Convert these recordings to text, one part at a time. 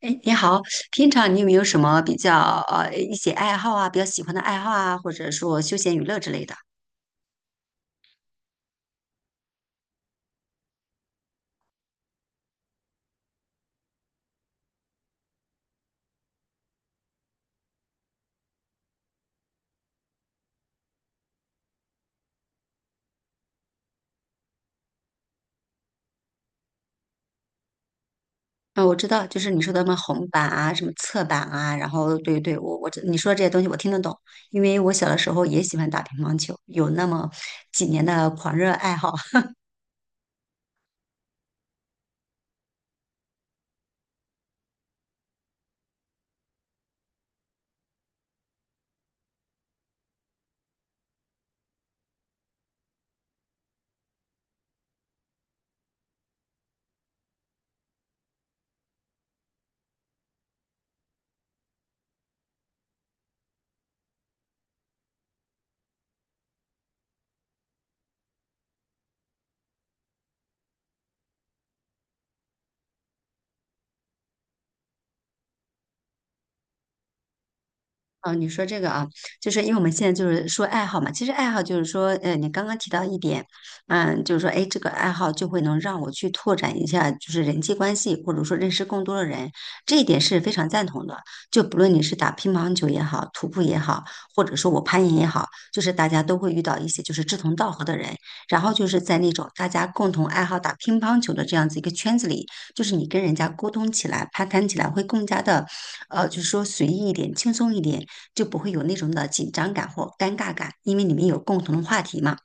哎，你好，平常你有没有什么比较一些爱好啊，比较喜欢的爱好啊，或者说休闲娱乐之类的？啊、我知道，就是你说的什么红板啊，什么侧板啊，然后对对，我知你说的这些东西我听得懂，因为我小的时候也喜欢打乒乓球，有那么几年的狂热爱好。哦，你说这个啊，就是因为我们现在就是说爱好嘛，其实爱好就是说，你刚刚提到一点，嗯，就是说，哎，这个爱好就会能让我去拓展一下，就是人际关系，或者说认识更多的人，这一点是非常赞同的。就不论你是打乒乓球也好，徒步也好，或者说我攀岩也好，就是大家都会遇到一些就是志同道合的人，然后就是在那种大家共同爱好打乒乓球的这样子一个圈子里，就是你跟人家沟通起来、攀谈起来会更加的，就是说随意一点、轻松一点。就不会有那种的紧张感或尴尬感，因为你们有共同的话题嘛。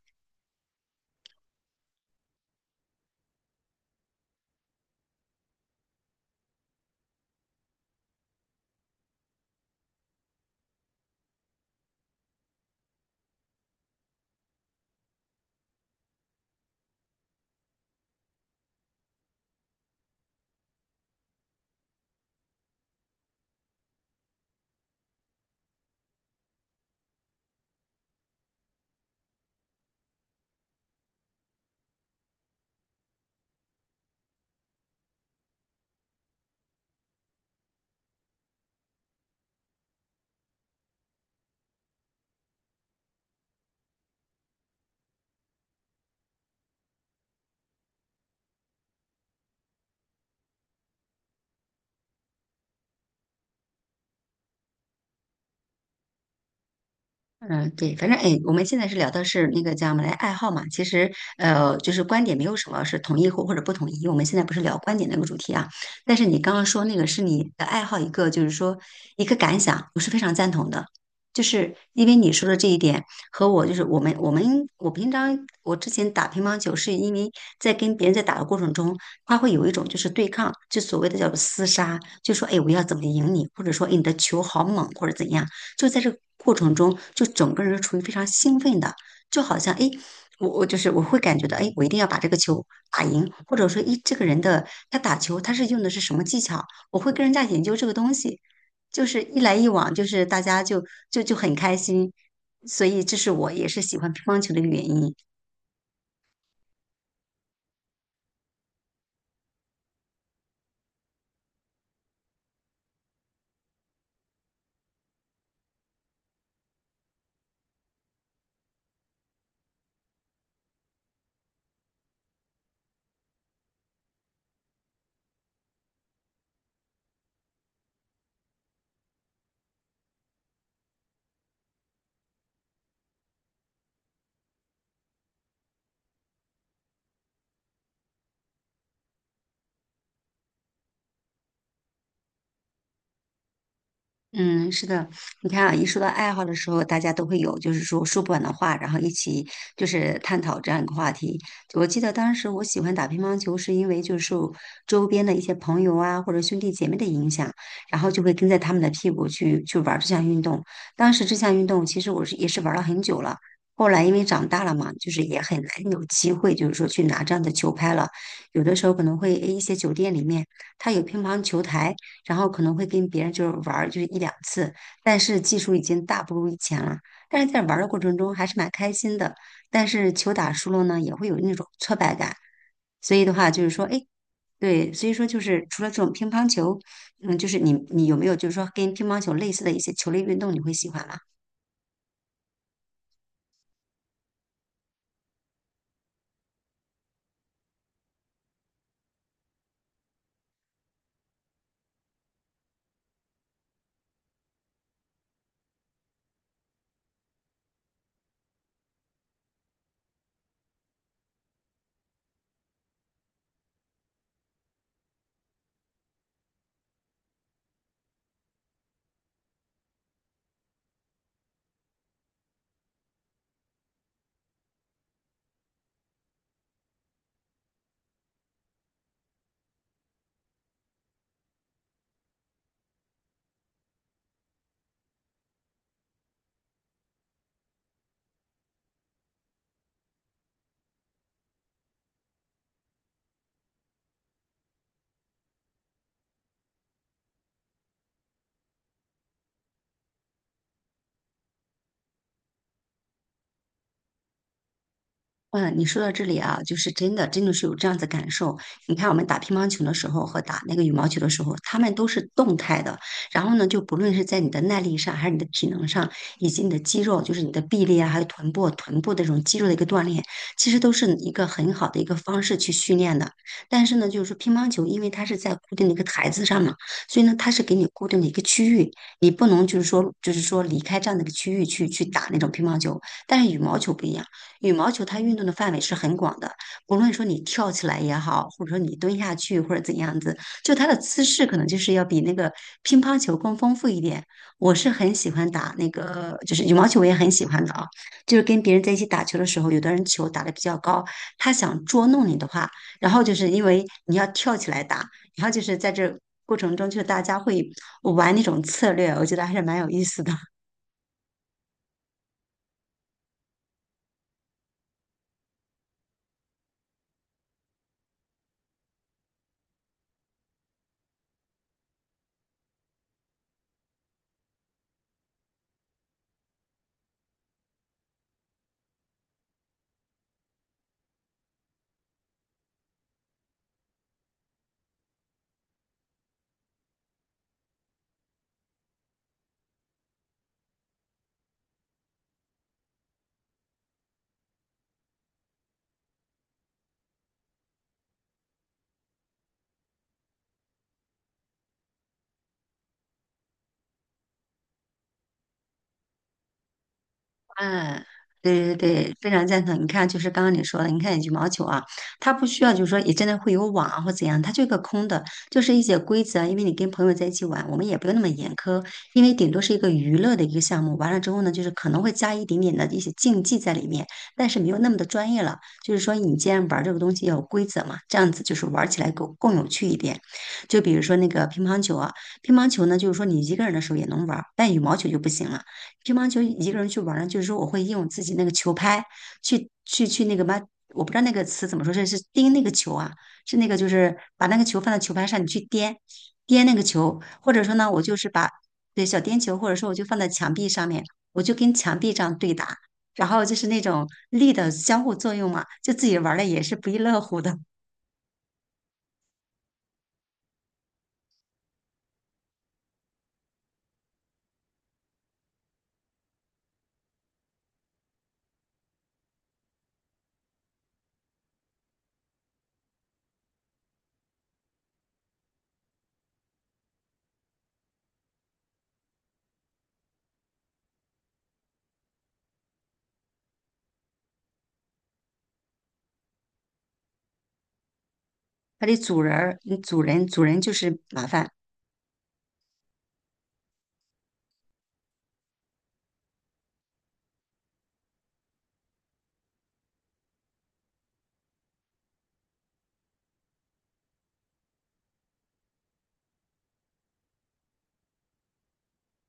嗯，对，反正哎，我们现在是聊的是那个叫什么来爱好嘛，其实就是观点没有什么是统一或者不同意，我们现在不是聊观点那个主题啊。但是你刚刚说那个是你的爱好，一个就是说一个感想，我是非常赞同的，就是因为你说的这一点和我就是我们我平常我之前打乒乓球是因为在跟别人在打的过程中，他会有一种就是对抗，就所谓的叫做厮杀，就说哎我要怎么赢你，或者说哎你的球好猛或者怎样。就在这个过程中，就整个人是处于非常兴奋的，就好像哎，我就是我会感觉到哎，我一定要把这个球打赢，或者说哎，这个人的他打球他是用的是什么技巧，我会跟人家研究这个东西，就是一来一往，就是大家就很开心，所以这是我也是喜欢乒乓球的一个原因。嗯，是的，你看啊，一说到爱好的时候，大家都会有就是说说不完的话，然后一起就是探讨这样一个话题。我记得当时我喜欢打乒乓球，是因为就是受周边的一些朋友啊或者兄弟姐妹的影响，然后就会跟在他们的屁股去玩这项运动。当时这项运动其实我是也是玩了很久了，后来因为长大了嘛，就是也很难有机会就是说去拿这样的球拍了。有的时候可能会诶一些酒店里面它有乒乓球台。然后可能会跟别人就是玩儿就是一两次，但是技术已经大不如以前了。但是在玩儿的过程中还是蛮开心的，但是球打输了呢，也会有那种挫败感。所以的话就是说，哎，对，所以说就是除了这种乒乓球，嗯，就是你有没有就是说跟乒乓球类似的一些球类运动，你会喜欢吗？哇，你说到这里啊，就是真的，真的是有这样子感受。你看，我们打乒乓球的时候和打那个羽毛球的时候，他们都是动态的。然后呢，就不论是在你的耐力上，还是你的体能上，以及你的肌肉，就是你的臂力啊，还有臀部、臀部的这种肌肉的一个锻炼，其实都是一个很好的一个方式去训练的。但是呢，就是说乒乓球，因为它是在固定的一个台子上嘛，所以呢，它是给你固定的一个区域，你不能就是说，就是说离开这样的一个区域去打那种乒乓球。但是羽毛球不一样。羽毛球它运动的范围是很广的，不论说你跳起来也好，或者说你蹲下去或者怎样子，就它的姿势可能就是要比那个乒乓球更丰富一点。我是很喜欢打那个，就是羽毛球我也很喜欢的啊，就是跟别人在一起打球的时候，有的人球打得比较高，他想捉弄你的话，然后就是因为你要跳起来打，然后就是在这。过程中，就是大家会玩那种策略，我觉得还是蛮有意思的。嗯，对对对，非常赞同。你看，就是刚刚你说的，你看羽毛球啊，它不需要就是说也真的会有网啊或怎样，它就一个空的，就是一些规则啊因为你跟朋友在一起玩，我们也不用那么严苛，因为顶多是一个娱乐的一个项目。完了之后呢，就是可能会加一点点的一些竞技在里面，但是没有那么的专业了。就是说，你既然玩这个东西要有规则嘛，这样子就是玩起来更有趣一点。就比如说那个乒乓球啊，乒乓球呢，就是说你一个人的时候也能玩儿，但羽毛球就不行了。乒乓球一个人去玩儿呢，就是说我会用自己那个球拍去那个嘛，我不知道那个词怎么说，是钉那个球啊，是那个就是把那个球放在球拍上，你去颠颠那个球，或者说呢，我就是把对小颠球，或者说我就放在墙壁上面，我就跟墙壁这样对打，然后就是那种力的相互作用嘛，就自己玩的也是不亦乐乎的。还得组人儿，嗯组人就是麻烦，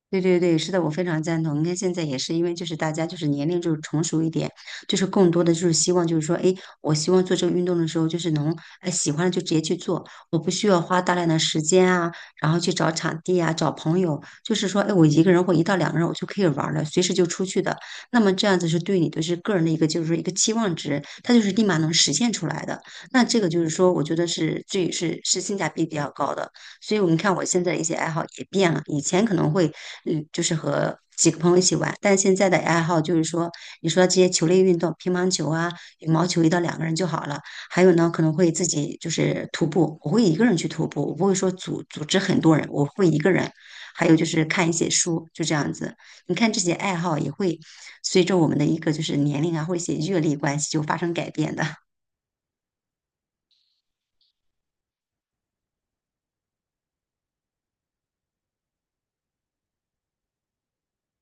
对对对，是的，我非常赞同。你看现在也是，因为就是大家就是年龄就是成熟一点，就是更多的就是希望就是说，哎，我希望做这个运动的时候，就是能哎喜欢了就直接去做，我不需要花大量的时间啊，然后去找场地啊，找朋友，就是说，哎，我一个人或一到两个人我就可以玩儿了，随时就出去的。那么这样子是对你的是个人的一个就是说一个期望值，它就是立马能实现出来的。那这个就是说，我觉得是是性价比比较高的。所以我们看我现在的一些爱好也变了，以前可能会，嗯，就是和几个朋友一起玩，但现在的爱好就是说，你说这些球类运动，乒乓球啊、羽毛球，一到两个人就好了。还有呢，可能会自己就是徒步，我会一个人去徒步，我不会说组织很多人，我会一个人。还有就是看一些书，就这样子。你看这些爱好也会随着我们的一个就是年龄啊，或者一些阅历关系就发生改变的。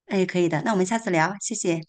哎，可以的，那我们下次聊，谢谢。